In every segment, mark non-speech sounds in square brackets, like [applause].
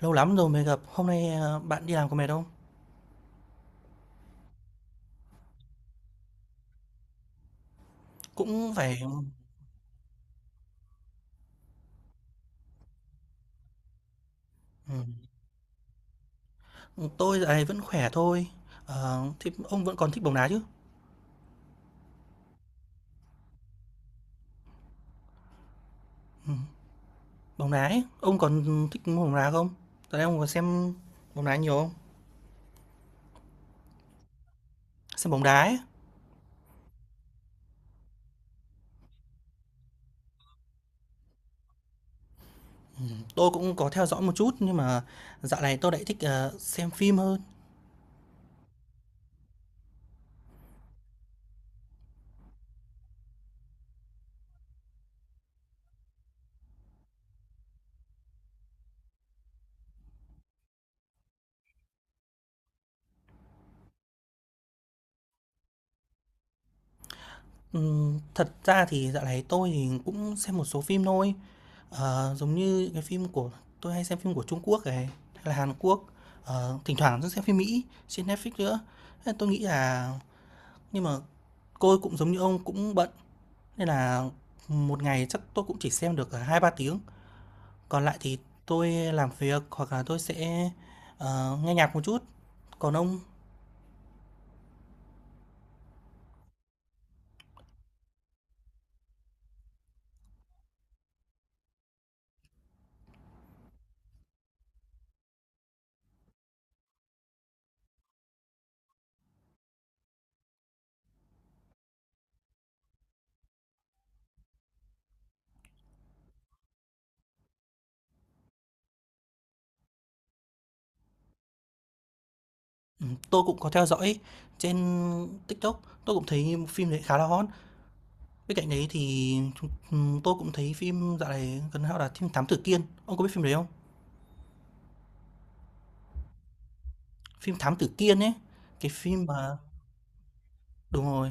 Lâu lắm rồi mới gặp. Hôm nay, bạn đi làm có mệt không? Cũng phải. ừm, tôi dạo này vẫn khỏe thôi. Thế ông vẫn còn thích bóng đá chứ? Bóng đá ấy, ông còn thích bóng đá không? Dạo này ông có xem bóng đá nhiều không? Xem bóng đá ấy. Tôi cũng có theo dõi một chút nhưng mà dạo này tôi lại thích, xem phim hơn. Thật ra thì dạo này tôi thì cũng xem một số phim thôi. Giống như cái phim của tôi hay xem phim của Trung Quốc này, hay là Hàn Quốc, thỉnh thoảng tôi xem phim Mỹ trên Netflix nữa. Thế tôi nghĩ là Nhưng mà tôi cũng giống như ông cũng bận nên là một ngày chắc tôi cũng chỉ xem được hai ba tiếng. Còn lại thì tôi làm việc hoặc là tôi sẽ nghe nhạc một chút. Còn ông, tôi cũng có theo dõi trên TikTok, tôi cũng thấy phim đấy khá là hot. Bên cạnh đấy thì tôi cũng thấy phim dạo này gần hao là phim Thám Tử Kiên, ông có biết phim đấy không? Phim Thám Tử Kiên ấy, cái phim mà đúng rồi,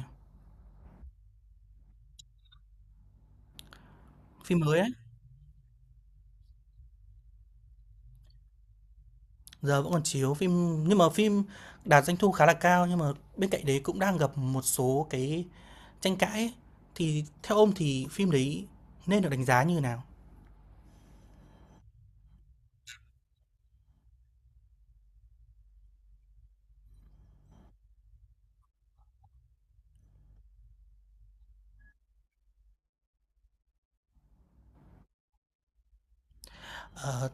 phim mới ấy, giờ vẫn còn chiếu phim nhưng mà phim đạt doanh thu khá là cao nhưng mà bên cạnh đấy cũng đang gặp một số cái tranh cãi ấy. Thì theo ông thì phim đấy nên được đánh giá như thế nào? Ờ,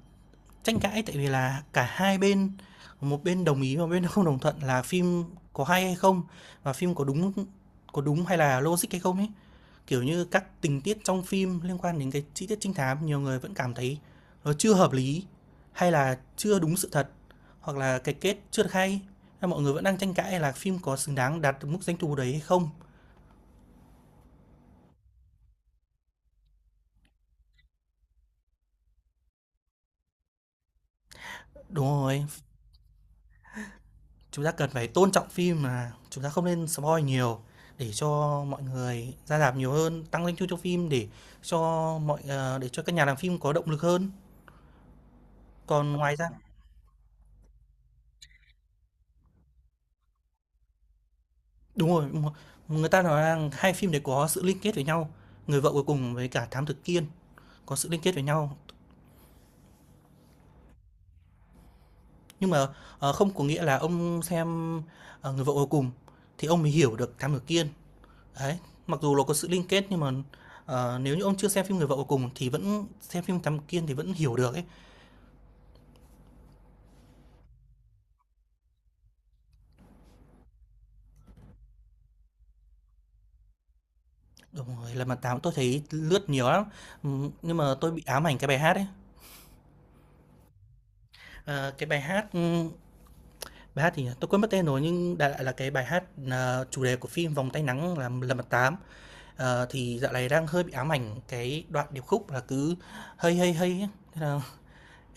Tranh cãi tại vì là cả hai bên, một bên đồng ý và một bên [laughs] không đồng thuận là phim có hay hay không và phim có đúng hay là logic hay không ấy. Kiểu như các tình tiết trong phim liên quan đến cái chi tiết trinh thám, nhiều người vẫn cảm thấy nó chưa hợp lý hay là chưa đúng sự thật, hoặc là cái kết chưa được hay. Mọi người vẫn đang tranh cãi là phim có xứng đáng đạt được mức doanh thu đấy hay không. Đúng rồi, chúng ta cần phải tôn trọng phim mà chúng ta không nên spoil nhiều để cho mọi người ra rạp nhiều hơn, tăng doanh thu cho phim, để cho mọi để cho các nhà làm phim có động lực hơn. Còn ngoài ra, đúng rồi, đúng rồi. Người ta nói rằng hai phim đấy có sự liên kết với nhau, Người vợ cuối cùng với cả Thám Tử Kiên có sự liên kết với nhau. Nhưng mà, không có nghĩa là ông xem, Người vợ cuối cùng thì ông mới hiểu được Thám Tử Kiên. Đấy, mặc dù nó có sự liên kết nhưng mà, nếu như ông chưa xem phim Người vợ cuối cùng thì vẫn xem phim Thám Tử Kiên thì vẫn hiểu được ấy. Đúng rồi, Lật Mặt Tám tôi thấy lướt nhiều lắm, nhưng mà tôi bị ám ảnh cái bài hát ấy. Ờ, cái bài hát, bài hát thì tôi quên mất tên rồi nhưng đại loại là cái bài hát, chủ đề của phim Vòng Tay Nắng là "Lần Mặt Tám". Thì dạo này đang hơi bị ám ảnh cái đoạn điệp khúc là cứ hơi hơi hơi thế là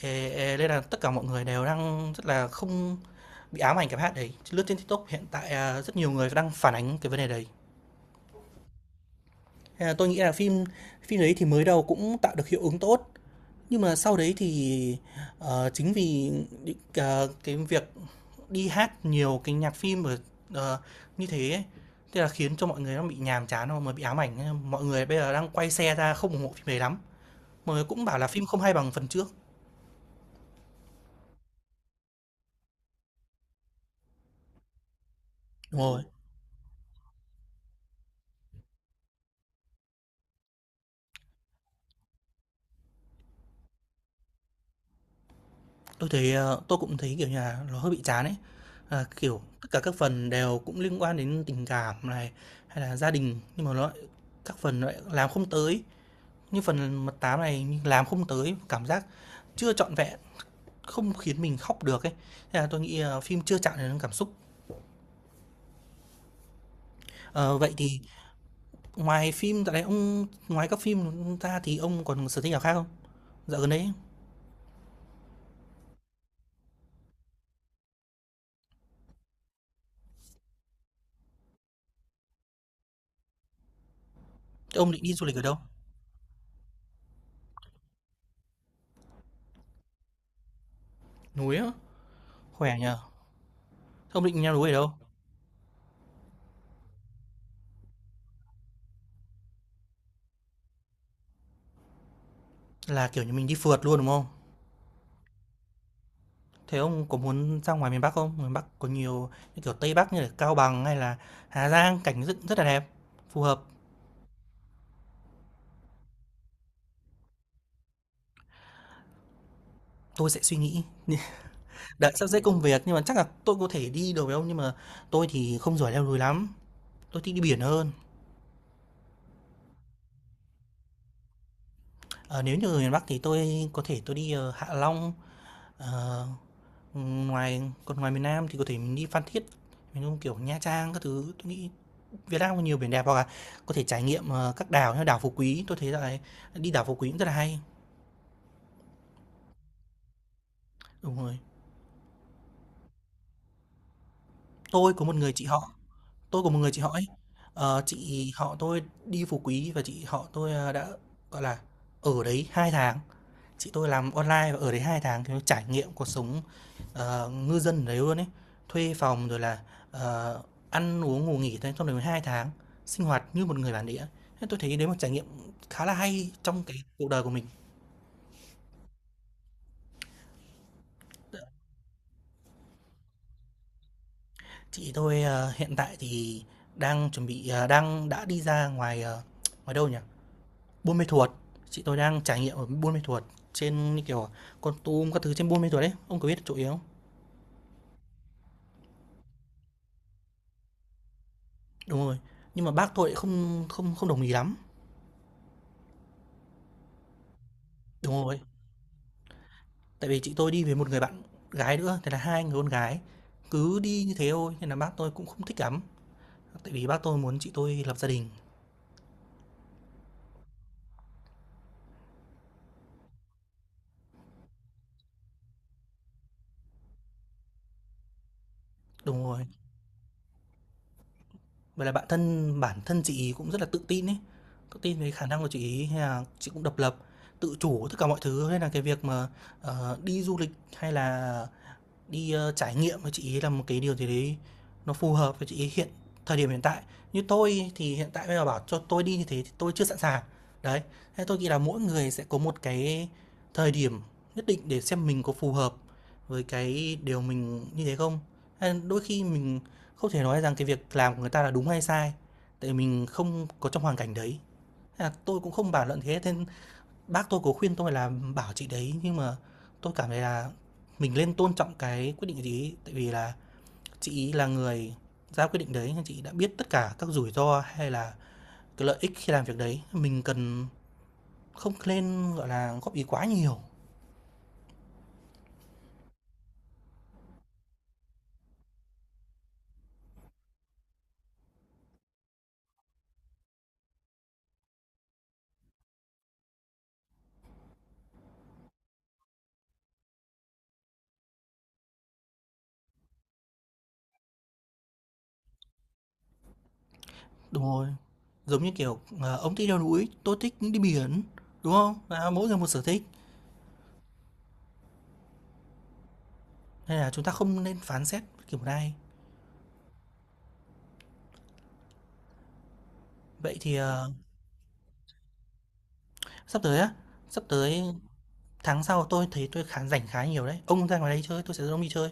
"Ê, ê" nên là tất cả mọi người đều đang rất là không bị ám ảnh cái bài hát đấy. Lướt trên TikTok hiện tại, à, rất nhiều người đang phản ánh cái vấn đề đấy. Thế tôi nghĩ là phim Phim đấy thì mới đầu cũng tạo được hiệu ứng tốt. Nhưng mà sau đấy thì, chính vì những cà cái việc đi hát nhiều cái nhạc phim ở, ờ, như thế ấy, thế là khiến cho mọi người nó bị nhàm chán xong rồi bị ám ảnh, thế mọi người bây giờ đang quay xe ra không ủng hộ phim đấy lắm. Mọi người cũng bảo là phim không hay bằng phần trước. Đúng rồi. Tôi thấy, tôi cũng thấy, kiểu như là, nó hơi bị chán ấy. Kiểu, tất cả các phần đều cũng liên quan đến tình cảm này, hay là gia đình, nhưng mà nó lại các phần nó lại làm không tới. Như phần mật tám này làm không tới, cảm giác chưa trọn vẹn, không khiến mình khóc được ấy. Thế là tôi nghĩ là phim chưa chạm đến cảm xúc. Ờ, Vậy thì, ngoài các phim ra thì ông còn sở thích nào khác không? Dạo gần đấy, ông định đi du lịch ở đâu? Núi á? Khỏe nhỉ? Thế ông định leo núi ở đâu? Là, kiểu như, mình đi phượt luôn, đúng không? Thế ông có muốn ra ngoài miền Bắc không? Miền Bắc có nhiều như kiểu Tây Bắc như là Cao Bằng hay là Hà Giang cảnh rất rất là đẹp, phù hợp. Tôi sẽ suy nghĩ [laughs] đã sắp xếp công việc nhưng mà chắc là tôi có thể đi được với ông nhưng mà tôi thì không giỏi leo núi lắm. Tôi thích đi biển hơn. Ờ, Nếu như ở miền Bắc thì tôi có thể tôi đi Hạ Long. Ờ, Ngoài miền Nam thì có thể mình đi Phan Thiết, mình không kiểu Nha Trang các thứ. Tôi nghĩ Việt Nam có nhiều biển đẹp hoặc là có thể trải nghiệm các đảo như đảo Phú Quý. Tôi thấy là đi đảo Phú Quý cũng rất là hay. Đúng rồi. Tôi có một người chị họ, tôi có một người chị họ ấy. Chị họ tôi đi Phú Quý và chị họ tôi, đã, gọi là, ở đấy 2 tháng. Chị tôi làm online và ở đấy 2 tháng, kiểu, trải nghiệm cuộc sống, ngư dân ở đấy luôn ấy. Thuê phòng rồi là, ờ, ăn uống ngủ nghỉ thôi, trong đấy 2 tháng, sinh hoạt như một người bản địa. Thế tôi thấy đấy một trải nghiệm khá là hay trong cái cuộc đời của mình. Chị tôi, hiện tại thì đang chuẩn bị, à, đang đã đi ra ngoài, ngoài đâu nhỉ? Buôn Mê Thuột, chị tôi đang trải nghiệm ở Buôn Mê Thuột trên như kiểu Kon Tum các thứ trên Buôn Mê Thuột đấy, ông có biết chỗ yếu không? Đúng rồi, nhưng mà bác tôi lại không không không đồng ý lắm. Đúng rồi, tại vì chị tôi đi với một người bạn gái nữa, thế là hai người con gái cứ đi như thế thôi nên là bác tôi cũng không thích lắm. Tại vì bác tôi muốn chị tôi lập gia đình. Đúng rồi. Vậy là bản thân chị ý cũng rất là tự tin ấy. Tự tin về khả năng của chị ý hay là chị cũng độc lập, tự chủ tất cả mọi thứ nên là cái việc mà đi du lịch hay là đi, trải nghiệm với chị ấy là một cái điều gì đấy nó phù hợp với chị ấy hiện thời điểm hiện tại. Như tôi thì hiện tại bây giờ bảo cho tôi đi như thế thì tôi chưa sẵn sàng. Đấy, thế tôi nghĩ là mỗi người sẽ có một cái thời điểm nhất định để xem mình có phù hợp với cái điều mình như thế không. Hay đôi khi mình không thể nói rằng cái việc làm của người ta là đúng hay sai, tại mình không có trong hoàn cảnh đấy. Thế là tôi cũng không bàn luận thế. Bác tôi có khuyên tôi là bảo chị đấy, nhưng mà tôi cảm thấy là mình nên tôn trọng cái quyết định của chị ấy, tại vì là chị ấy là người ra quyết định đấy, chị đã biết tất cả các rủi ro hay là cái lợi ích khi làm việc đấy. Mình cần không nên, gọi là, góp ý quá nhiều. Đúng rồi, giống như kiểu, ông thích leo núi, tôi thích đi biển, đúng không? Là mỗi người một sở thích, nên là chúng ta không nên phán xét kiểu này. Vậy thì, sắp tới á, sắp tới tháng sau tôi thấy tôi khá rảnh khá nhiều đấy. Ông ra ngoài đây chơi, tôi sẽ dẫn ông đi chơi.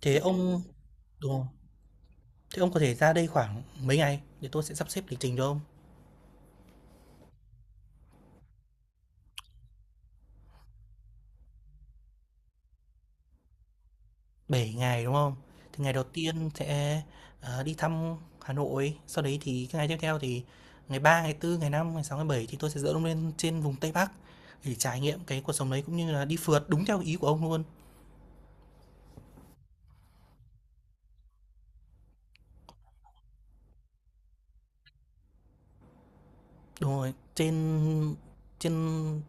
Thế ông đúng không? Thế ông có thể ra đây khoảng mấy ngày để tôi sẽ sắp xếp lịch trình cho ông. 7 ngày đúng không? Thì ngày đầu tiên sẽ đi thăm Hà Nội, sau đấy thì cái ngày tiếp theo thì ngày 3, ngày 4, ngày 5, ngày 6, ngày 7 thì tôi sẽ dẫn ông lên trên vùng Tây Bắc để trải nghiệm cái cuộc sống đấy cũng như là đi phượt đúng theo ý của ông luôn. Đúng rồi, trên trên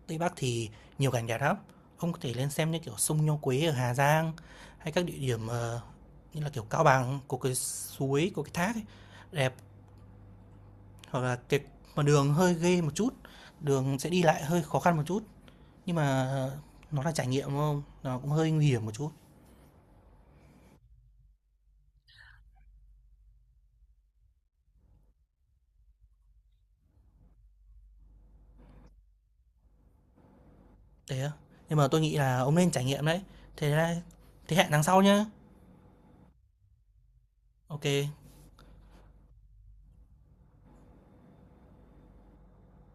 Tây Bắc thì nhiều cảnh đẹp lắm. Ông có thể lên xem như kiểu sông Nho Quế ở Hà Giang hay các địa điểm, như là kiểu Cao Bằng có cái suối, có cái thác ấy, đẹp, hoặc là cái mà đường hơi ghê một chút, đường sẽ đi lại hơi khó khăn một chút nhưng mà nó là trải nghiệm đúng không? Nó cũng hơi nguy hiểm một chút. Thế á. Nhưng mà tôi nghĩ là ông nên trải nghiệm đấy. Thế thế hẹn tháng sau nhá. Ok.